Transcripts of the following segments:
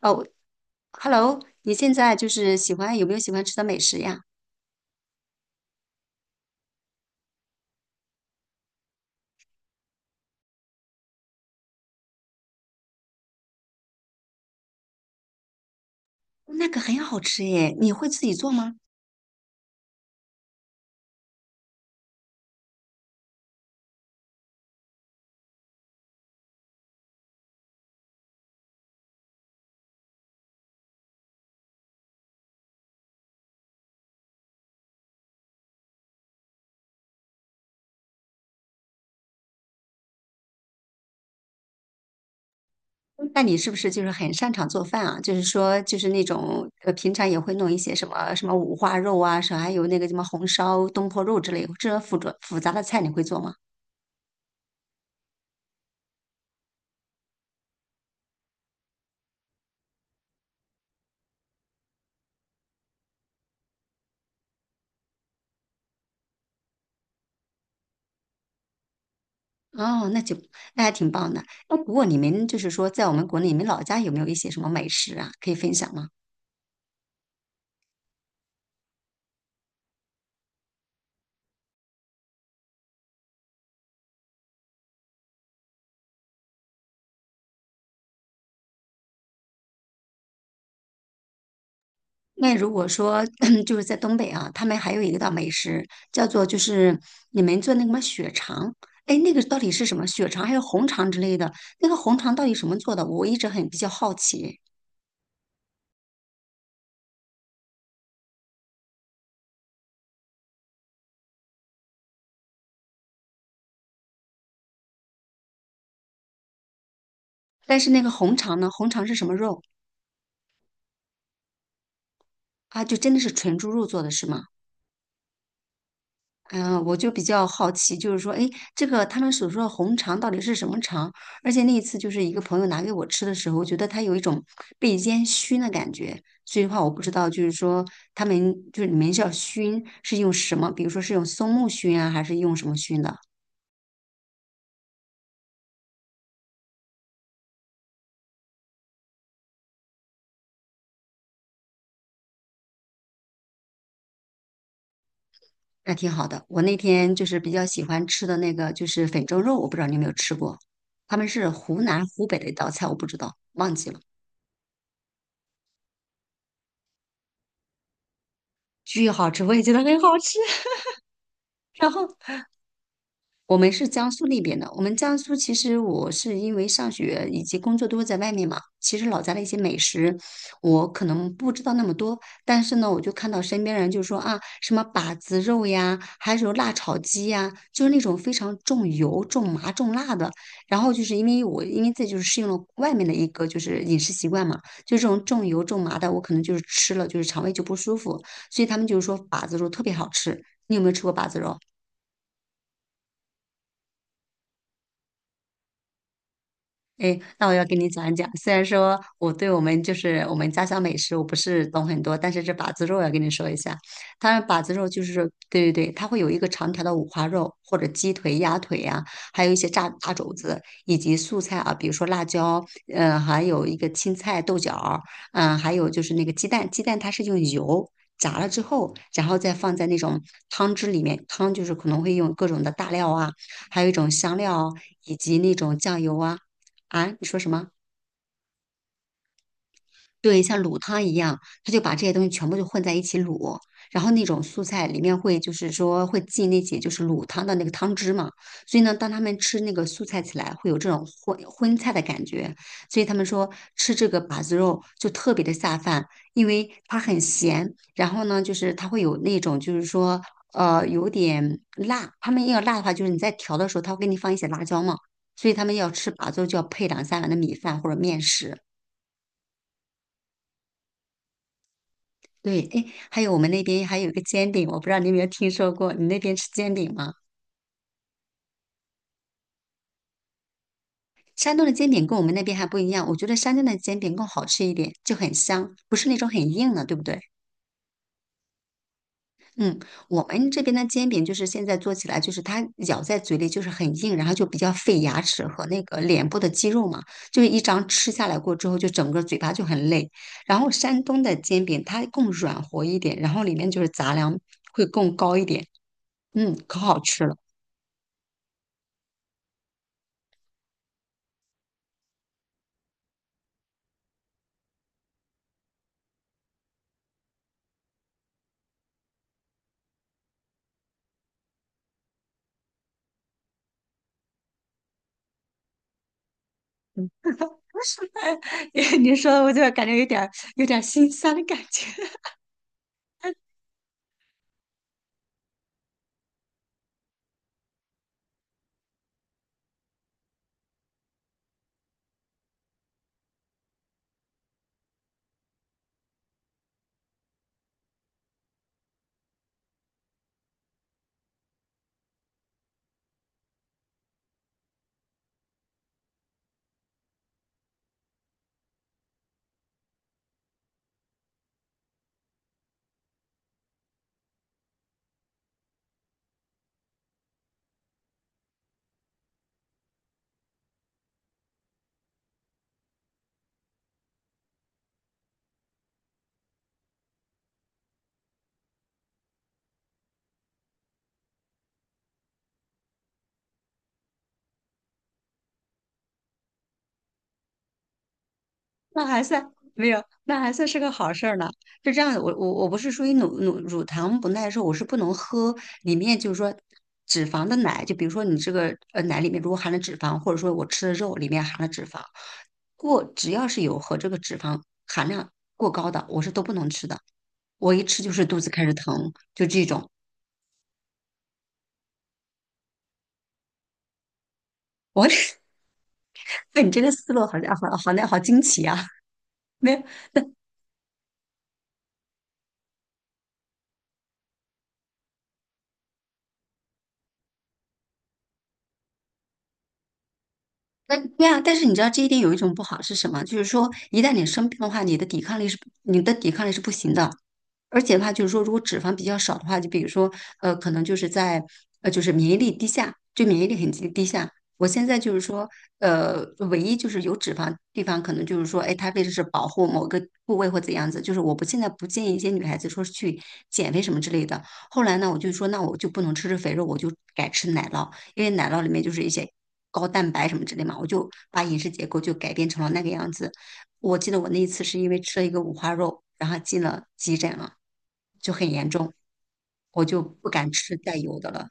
哦，Hello，你现在就是喜欢喜欢吃的美食呀？那个很好吃耶，你会自己做吗？那你是不是就是很擅长做饭啊？就是说，就是那种平常也会弄一些什么五花肉啊，什么还有那个什么红烧东坡肉之类，这种复杂的菜你会做吗？哦，那就那还挺棒的。那不过你们就是说，在我们国内，你们老家有没有一些什么美食啊，可以分享吗？那如果说 就是在东北啊，他们还有一个道美食叫做你们做那个什么血肠，哎，那个到底是什么血肠还有红肠之类的？那个红肠到底什么做的？我一直很比较好奇。但是那个红肠呢，红肠是什么肉啊？就真的是纯猪肉做的是吗？嗯，我就比较好奇，就是说，哎，这个他们所说的红肠到底是什么肠？而且那一次就是一个朋友拿给我吃的时候，我觉得它有一种被烟熏的感觉，所以的话我不知道，就是说他们就是你们叫熏是用什么？比如说是用松木熏啊，还是用什么熏的？那挺好的。我那天就是比较喜欢吃的那个就是粉蒸肉，我不知道你有没有吃过，他们是湖南湖北的一道菜，我不知道，忘记了，巨好吃，我也觉得很好吃。然后我们是江苏那边的，我们江苏其实我是因为上学以及工作都是在外面嘛，其实老家的一些美食我可能不知道那么多，但是呢，我就看到身边人就说啊，什么把子肉呀，还有辣炒鸡呀，就是那种非常重油、重麻、重辣的。然后就是因为这就是适应了外面的一个就是饮食习惯嘛，就这种重油重麻的，我可能就是吃了就是肠胃就不舒服，所以他们就是说把子肉特别好吃。你有没有吃过把子肉？诶，那我要跟你讲一讲。虽然说我对我们就是我们家乡美食我不是懂很多，但是这把子肉要跟你说一下。它把子肉就是说对对对，它会有一个长条的五花肉，或者鸡腿、鸭腿呀、还有一些炸大肘子，以及素菜啊，比如说辣椒，嗯、还有一个青菜、豆角儿嗯、还有就是那个鸡蛋，鸡蛋它是用油。炸了之后，然后再放在那种汤汁里面，汤就是可能会用各种的大料啊，还有一种香料啊，以及那种酱油啊，啊，你说什么？对，像卤汤一样，他就把这些东西全部就混在一起卤，然后那种素菜里面会就是说会进那些就是卤汤的那个汤汁嘛，所以呢，当他们吃那个素菜起来，会有这种荤菜的感觉，所以他们说吃这个把子肉就特别的下饭，因为它很咸，然后呢，就是它会有那种就是说有点辣，他们要辣的话，就是你在调的时候，他会给你放一些辣椒嘛，所以他们要吃把子肉就要配两三碗的米饭或者面食。对，哎，还有我们那边还有一个煎饼，我不知道你有没有听说过，你那边吃煎饼吗？山东的煎饼跟我们那边还不一样，我觉得山东的煎饼更好吃一点，就很香，不是那种很硬的，对不对？嗯，我们这边的煎饼就是现在做起来，就是它咬在嘴里就是很硬，然后就比较费牙齿和那个脸部的肌肉嘛，就是一张吃下来过之后，就整个嘴巴就很累。然后山东的煎饼它更软和一点，然后里面就是杂粮会更高一点，嗯，可好吃了。嗯 你说的我就感觉有点儿心酸的感觉，那还算没有，那还算是个好事儿呢。是这样的，我不是属于乳糖不耐受，我是不能喝里面就是说脂肪的奶，就比如说你这个奶里面如果含了脂肪，或者说我吃的肉里面含了脂肪，过只要是有和这个脂肪含量过高的，我是都不能吃的。我一吃就是肚子开始疼，就这种。我 哎，你这个思路好像好那好惊奇啊！没那对啊，但是你知道这一点有一种不好是什么？就是说，一旦你生病的话，你的抵抗力是不行的。而且的话，就是说，如果脂肪比较少的话，就比如说，可能就是在就是免疫力低下，就免疫力很低下。我现在就是说，呃，唯一就是有脂肪地方，可能就是说，哎，它为的是保护某个部位或怎样子，就是我不现在不建议一些女孩子说是去减肥什么之类的。后来呢，我就说，那我就不能吃肥肉，我就改吃奶酪。因为奶酪里面就是一些高蛋白什么之类嘛，我就把饮食结构就改变成了那个样子。我记得我那一次是因为吃了一个五花肉，然后进了急诊了，就很严重，我就不敢吃带油的了。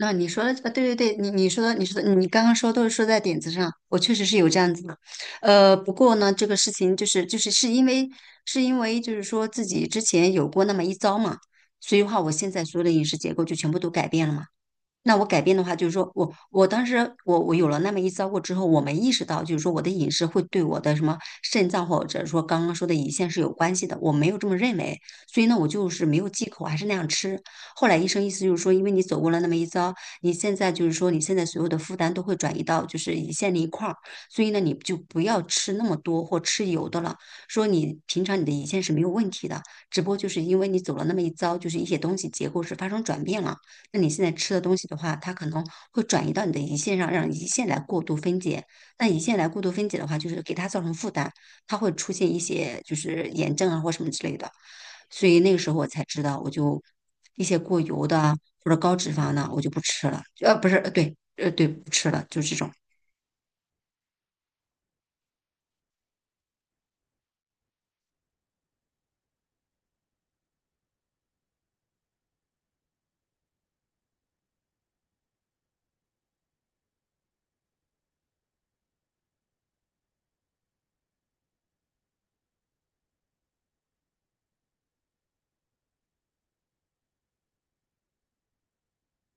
那你说的，对对对，你说的，你刚刚说都是说在点子上，我确实是有这样子的。呃，不过呢，这个事情就是是因为是因为就是说自己之前有过那么一遭嘛，所以话我现在所有的饮食结构就全部都改变了嘛。那我改变的话，就是说我当时我有了那么一遭过之后，我没意识到，就是说我的饮食会对我的什么肾脏或者说刚刚说的胰腺是有关系的，我没有这么认为，所以呢，我就是没有忌口，还是那样吃。后来医生意思就是说，因为你走过了那么一遭，你现在就是说你现在所有的负担都会转移到就是胰腺那一块儿，所以呢，你就不要吃那么多或吃油的了。说你平常你的胰腺是没有问题的，只不过就是因为你走了那么一遭，就是一些东西结构是发生转变了。那你现在吃的东西的话，它可能会转移到你的胰腺上，让胰腺来过度分解。那胰腺来过度分解的话，就是给它造成负担，它会出现一些就是炎症啊或什么之类的。所以那个时候我才知道，我就一些过油的啊或者高脂肪的，我就不吃了。呃，不是，呃对，对，不吃了，就这种。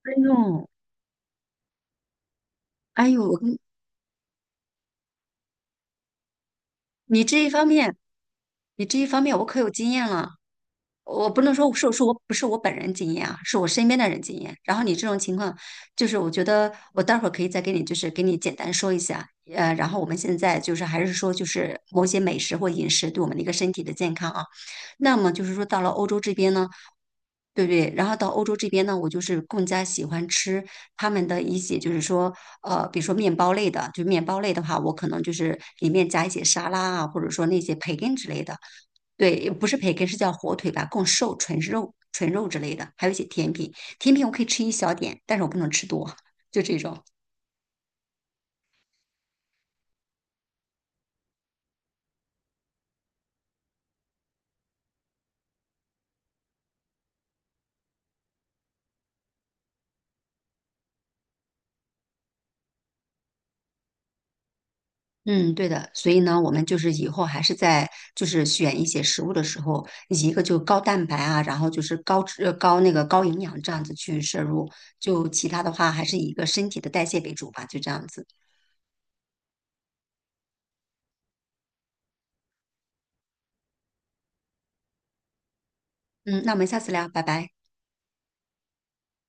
哎呦，哎呦，我跟你这一方面，你这一方面我可有经验了。我不能说是我不是我本人经验啊，是我身边的人经验。然后你这种情况，就是我觉得我待会儿可以再给你，就是给你简单说一下。呃，然后我们现在就是还是说，就是某些美食或饮食对我们的一个身体的健康啊。那么就是说到了欧洲这边呢，对不对？然后到欧洲这边呢，我就是更加喜欢吃他们的一些，就是说，比如说面包类的，就面包类的话，我可能就是里面加一些沙拉啊，或者说那些培根之类的。对，不是培根，是叫火腿吧，更瘦，纯肉之类的，还有一些甜品。甜品我可以吃一小点，但是我不能吃多，就这种。嗯，对的。所以呢，我们就是以后还是在就是选一些食物的时候，一个就高蛋白啊，然后就是高脂呃高那个高营养这样子去摄入，就其他的话还是以一个身体的代谢为主吧，就这样子。嗯，那我们下次聊，拜拜。